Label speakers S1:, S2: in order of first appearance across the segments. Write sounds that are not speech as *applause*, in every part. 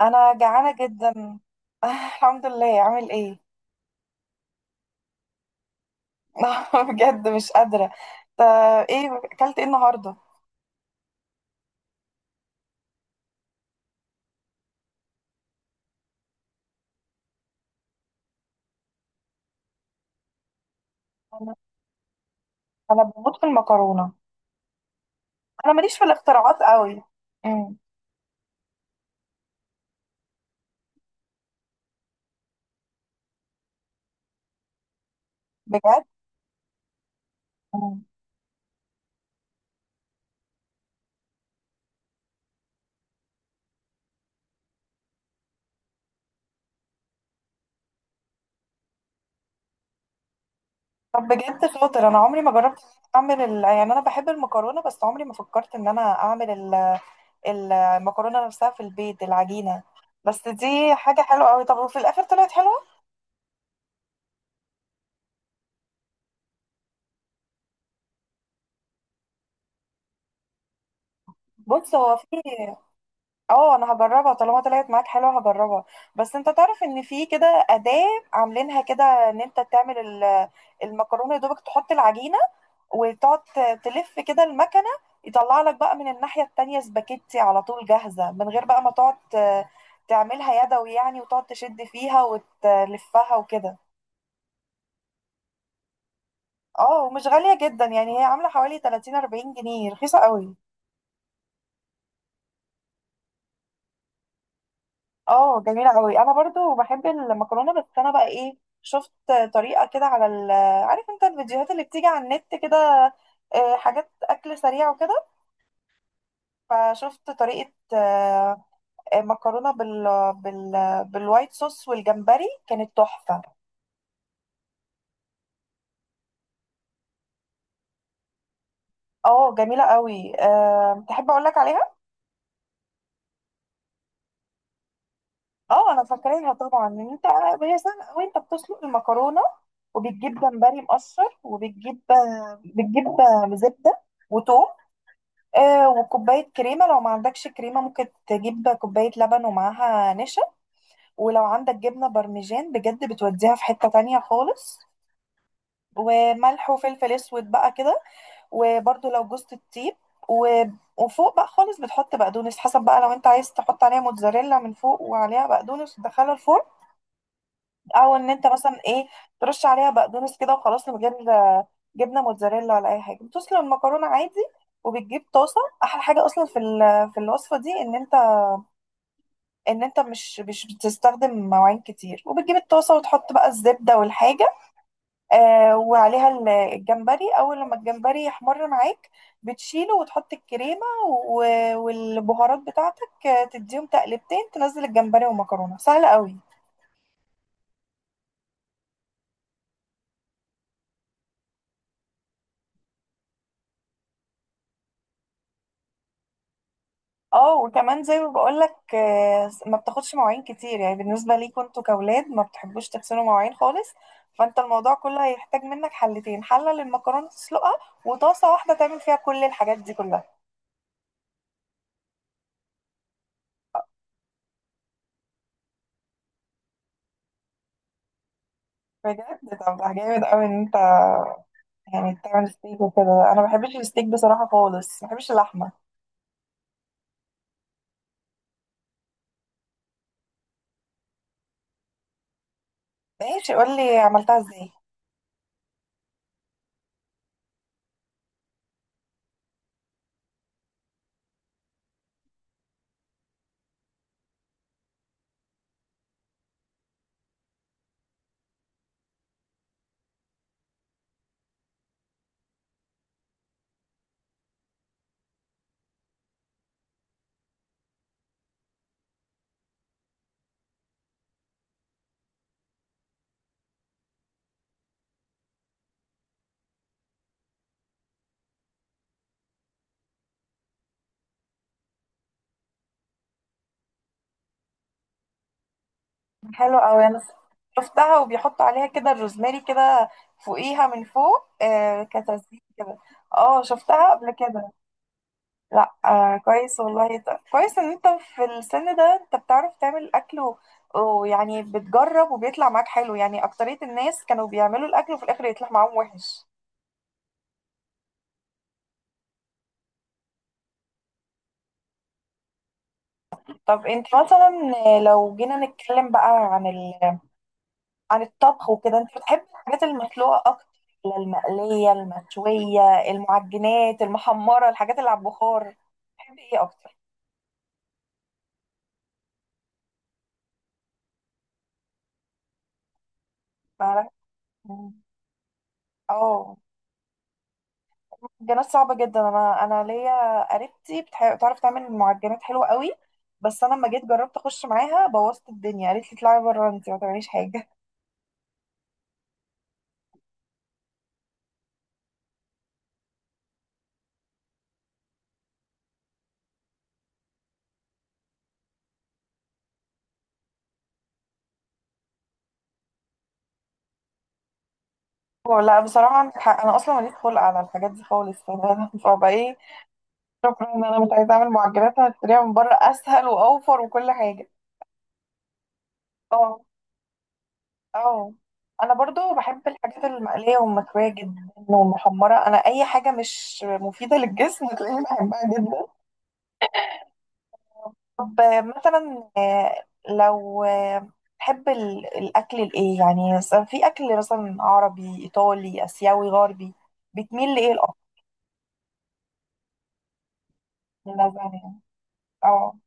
S1: انا جعانه جدا. آه، الحمد لله. عامل ايه؟ *laughs* بجد مش قادره. طب، ايه اكلت ايه النهارده؟ انا أنا بموت في المكرونه. انا ماليش في الاختراعات قوي. امم بجد. مم. طب، بجد شاطر. انا عمري ما جربت اعمل يعني انا بحب المكرونه، بس عمري ما فكرت ان انا اعمل المكرونه نفسها في البيت، العجينه. بس دي حاجه حلوه قوي. طب وفي الاخر طلعت حلوه؟ بص هو في اه انا هجربها. طالما طلعت معاك حلوه هجربها. بس انت تعرف ان في كده اداه عاملينها كده، ان انت تعمل المكرونه. يا دوبك تحط العجينه وتقعد تلف كده المكنه، يطلع لك بقى من الناحيه التانية سباكيتي على طول جاهزه، من غير بقى ما تقعد تعملها يدوي يعني، وتقعد تشد فيها وتلفها وكده. اه، ومش غاليه جدا يعني، هي عامله حوالي 30-40 جنيه، رخيصه قوي. اه جميلة قوي. انا برضو بحب المكرونة. بس انا بقى ايه، شفت طريقة كده على عارف انت الفيديوهات اللي بتيجي على النت كده، آه، حاجات اكل سريع وكده. فشفت طريقة، مكرونة بال... بالوايت صوص والجمبري، كانت تحفة. اه جميلة قوي. تحب اقول لك عليها؟ اه انا فاكراها طبعا. ان انت، هي سهلة. وانت بتسلق المكرونة وبتجيب جمبري مقشر، وبتجيب آه، بتجيب آه، زبدة وتوم، آه، وكوباية كريمة. لو ما عندكش كريمة ممكن تجيب كوباية لبن ومعاها نشا. ولو عندك جبنة بارميجان بجد بتوديها في حتة تانية خالص. وملح وفلفل اسود بقى كده. وبرده لو جوزة الطيب و... وفوق بقى خالص بتحط بقدونس، حسب بقى، لو انت عايز تحط عليها موتزاريلا من فوق وعليها بقدونس وتدخلها الفرن، او ان انت مثلا ايه، ترش عليها بقدونس كده وخلاص من غير جبنة موتزاريلا ولا اي حاجة. بتسلق المكرونة عادي وبتجيب طاسة. احلى حاجة اصلا في في الوصفة دي ان انت، ان انت مش بتستخدم مواعين كتير. وبتجيب الطاسه وتحط بقى الزبده والحاجه، آه، وعليها الجمبري. اول لما الجمبري يحمر معاك بتشيله وتحط الكريمه والبهارات بتاعتك، آه، تديهم تقلبتين، تنزل الجمبري والمكرونه. سهله قوي. اه، وكمان زي ما بقول لك، ما بتاخدش مواعين كتير يعني، بالنسبه ليكوا انتوا كاولاد ما بتحبوش تغسلوا مواعين خالص. فانت الموضوع كله هيحتاج منك حلتين: حله للمكرونه تسلقها، وطاسه واحده تعمل فيها كل الحاجات دي كلها. بجد؟ طب ده جامد قوي ان انت يعني بتعمل ستيك وكده. انا ما بحبش الستيك بصراحه خالص، ما بحبش اللحمه. ماشي، قول لي عملتها ازاي. حلو قوي. انا شفتها وبيحطوا عليها كده الروزماري كده، فوقيها من فوق، آه، كتزيين كده. اه شفتها قبل كده. لا آه كويس والله ده. كويس ان انت في السن ده انت بتعرف تعمل اكل، ويعني بتجرب وبيطلع معاك حلو يعني. اكترية الناس كانوا بيعملوا الاكل وفي الاخر يطلع معاهم وحش. طب انت مثلا لو جينا نتكلم بقى عن عن الطبخ وكده، انت بتحبي الحاجات المسلوقة اكتر، ولا المقلية، المشوية، المعجنات، المحمرة، الحاجات اللي على البخار؟ بتحبي ايه اكتر؟ معرفة. اه. المعجنات صعبة جدا. انا ليا قريبتي بتعرف تعمل معجنات حلوة قوي. بس انا لما جيت جربت اخش معاها بوظت الدنيا، قالت لي اطلعي بره انت ما تعمليش حاجة. *laughs* لا بصراحة عندك حق. انا اصلا ماليش خلق على الحاجات دي خالص. *laughs* فبقى ايه، شكرا، ان انا مش عايزه اعمل معجنات. انا هشتريها من بره اسهل واوفر وكل حاجه. اه اه. انا برضو بحب الحاجات المقليه والمشويه جدا والمحمره. انا اي حاجه مش مفيده للجسم تلاقيني بحبها جدا. طب، مثلا لو تحب الاكل الايه يعني؟ مثلاً في اكل مثلا عربي، ايطالي، اسيوي، غربي، بتميل لايه الاكتر؟ اللازانيا. اه.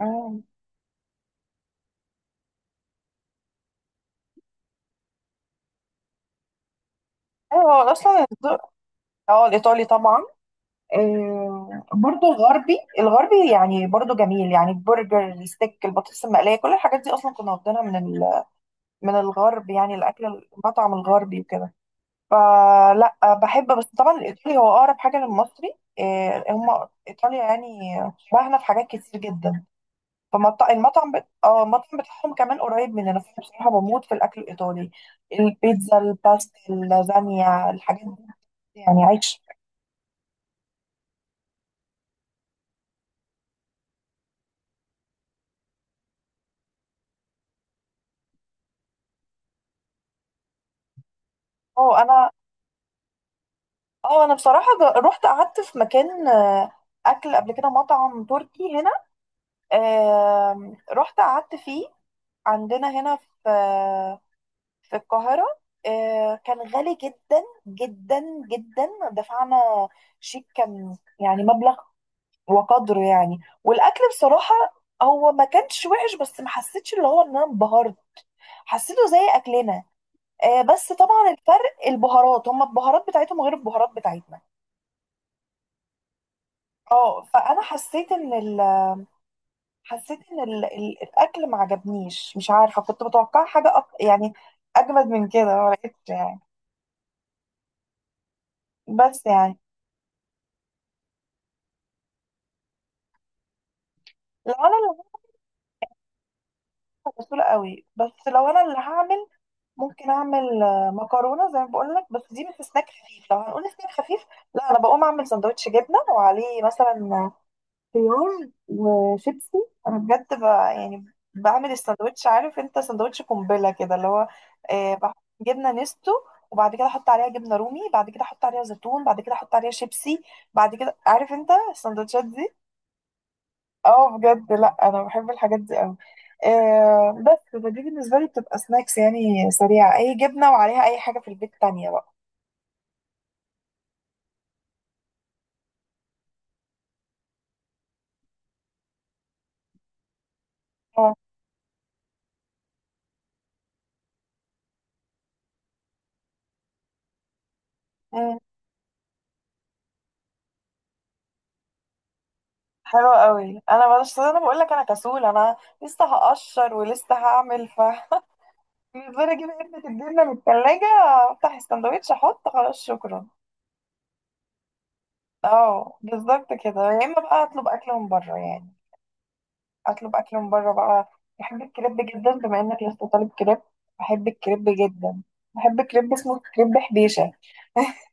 S1: مم. ايوه، اصلا الذوق. اه، الايطالي طبعا. آه، برضو الغربي. الغربي يعني برضو جميل يعني، البرجر، الستيك، البطاطس المقلية، كل الحاجات دي أصلا كنا واخدينها من من الغرب يعني. الأكل، المطعم الغربي وكده. فلا، بحب، بس طبعا الإيطالي هو أقرب حاجة للمصري. آه، هم إيطاليا يعني شبهنا في حاجات كتير جدا. فالمطعم بت... اه المطعم بتاعهم كمان قريب مننا. فأنا بصراحة بموت في الأكل الإيطالي، البيتزا، الباستا، اللازانيا، الحاجات دي يعني عيش. اه انا اه انا بصراحه رحت قعدت في مكان، آه، اكل قبل كده، مطعم تركي هنا. آم، رحت قعدت فيه عندنا هنا في، في القاهره. آه، كان غالي جدا جدا جدا. دفعنا شيك كان يعني، مبلغ وقدره يعني. والاكل بصراحه هو ما كانش وحش، بس ما حسيتش اللي هو ان انا انبهرت. حسيته زي اكلنا. آه، بس طبعا الفرق البهارات، هما البهارات بتاعتهم غير البهارات بتاعتنا. اه. فانا حسيت ان الاكل ما عجبنيش. مش عارفه، كنت متوقعه حاجه يعني اجمد من كده ما لقيتش يعني. بس يعني لو انا اللي هعمل بسيطة قوي. بس لو انا اللي هعمل ممكن اعمل، آه، مكرونه زي ما بقول لك، بس دي مش سناك خفيف. لو هنقول سناك خفيف، لا، انا بقوم اعمل سندوتش جبنه وعليه مثلا خيار وشيبسي. انا بجد يعني بعمل الساندوتش. عارف انت ساندوتش قنبله كده اللي هو، آه، جبنه نستو، وبعد كده احط عليها جبنه رومي، بعد كده احط عليها زيتون، بعد كده احط عليها شيبسي. بعد كده عارف انت الساندوتشات دي. اه بجد. لا، انا بحب الحاجات دي قوي. آه بس فدي بالنسبه لي بتبقى سناكس يعني، سريعه، اي جبنه وعليها اي حاجه في البيت تانية بقى. اه. مم. حلو قوي. انا بس انا بقول لك انا كسول. انا لسه هقشر ولسه هعمل، بالنسبة اجيب علبة الجبنة من التلاجة، افتح السندوتش، احط، خلاص، شكرا. اه بالظبط كده. يا اما بقى اطلب اكل من بره يعني، اطلب اكل من بره بقى. بحب الكريب جدا. بما انك لسه طالب كريب، بحب الكريب جدا. بحب كريب اسمه كريب حبيشة. *laughs*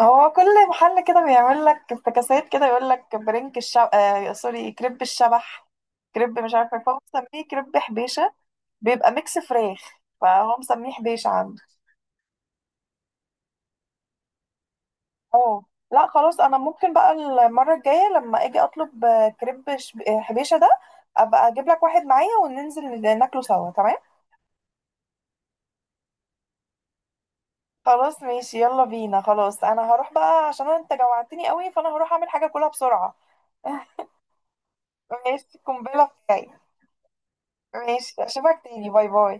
S1: هو كل محل كده بيعمل لك افتكاسات كده، يقول لك برنك الشب، آه سوري، كريب الشبح، كريب مش عارفة إيه. فهو مسميه كريب حبيشة. بيبقى ميكس فراخ، فهو مسميه حبيشة عنده. اه. لا خلاص، انا ممكن بقى المره الجايه لما اجي اطلب، آه، كريب حبيشه ده، ابقى اجيب لك واحد معايا وننزل ناكله سوا. تمام. خلاص ماشي يلا بينا. خلاص انا هروح بقى عشان انت جوعتني قوي، فانا هروح اعمل حاجه كلها بسرعه. *laughs* ماشي، قنبله بتاعي. ماشي، اشوفك تاني. باي باي.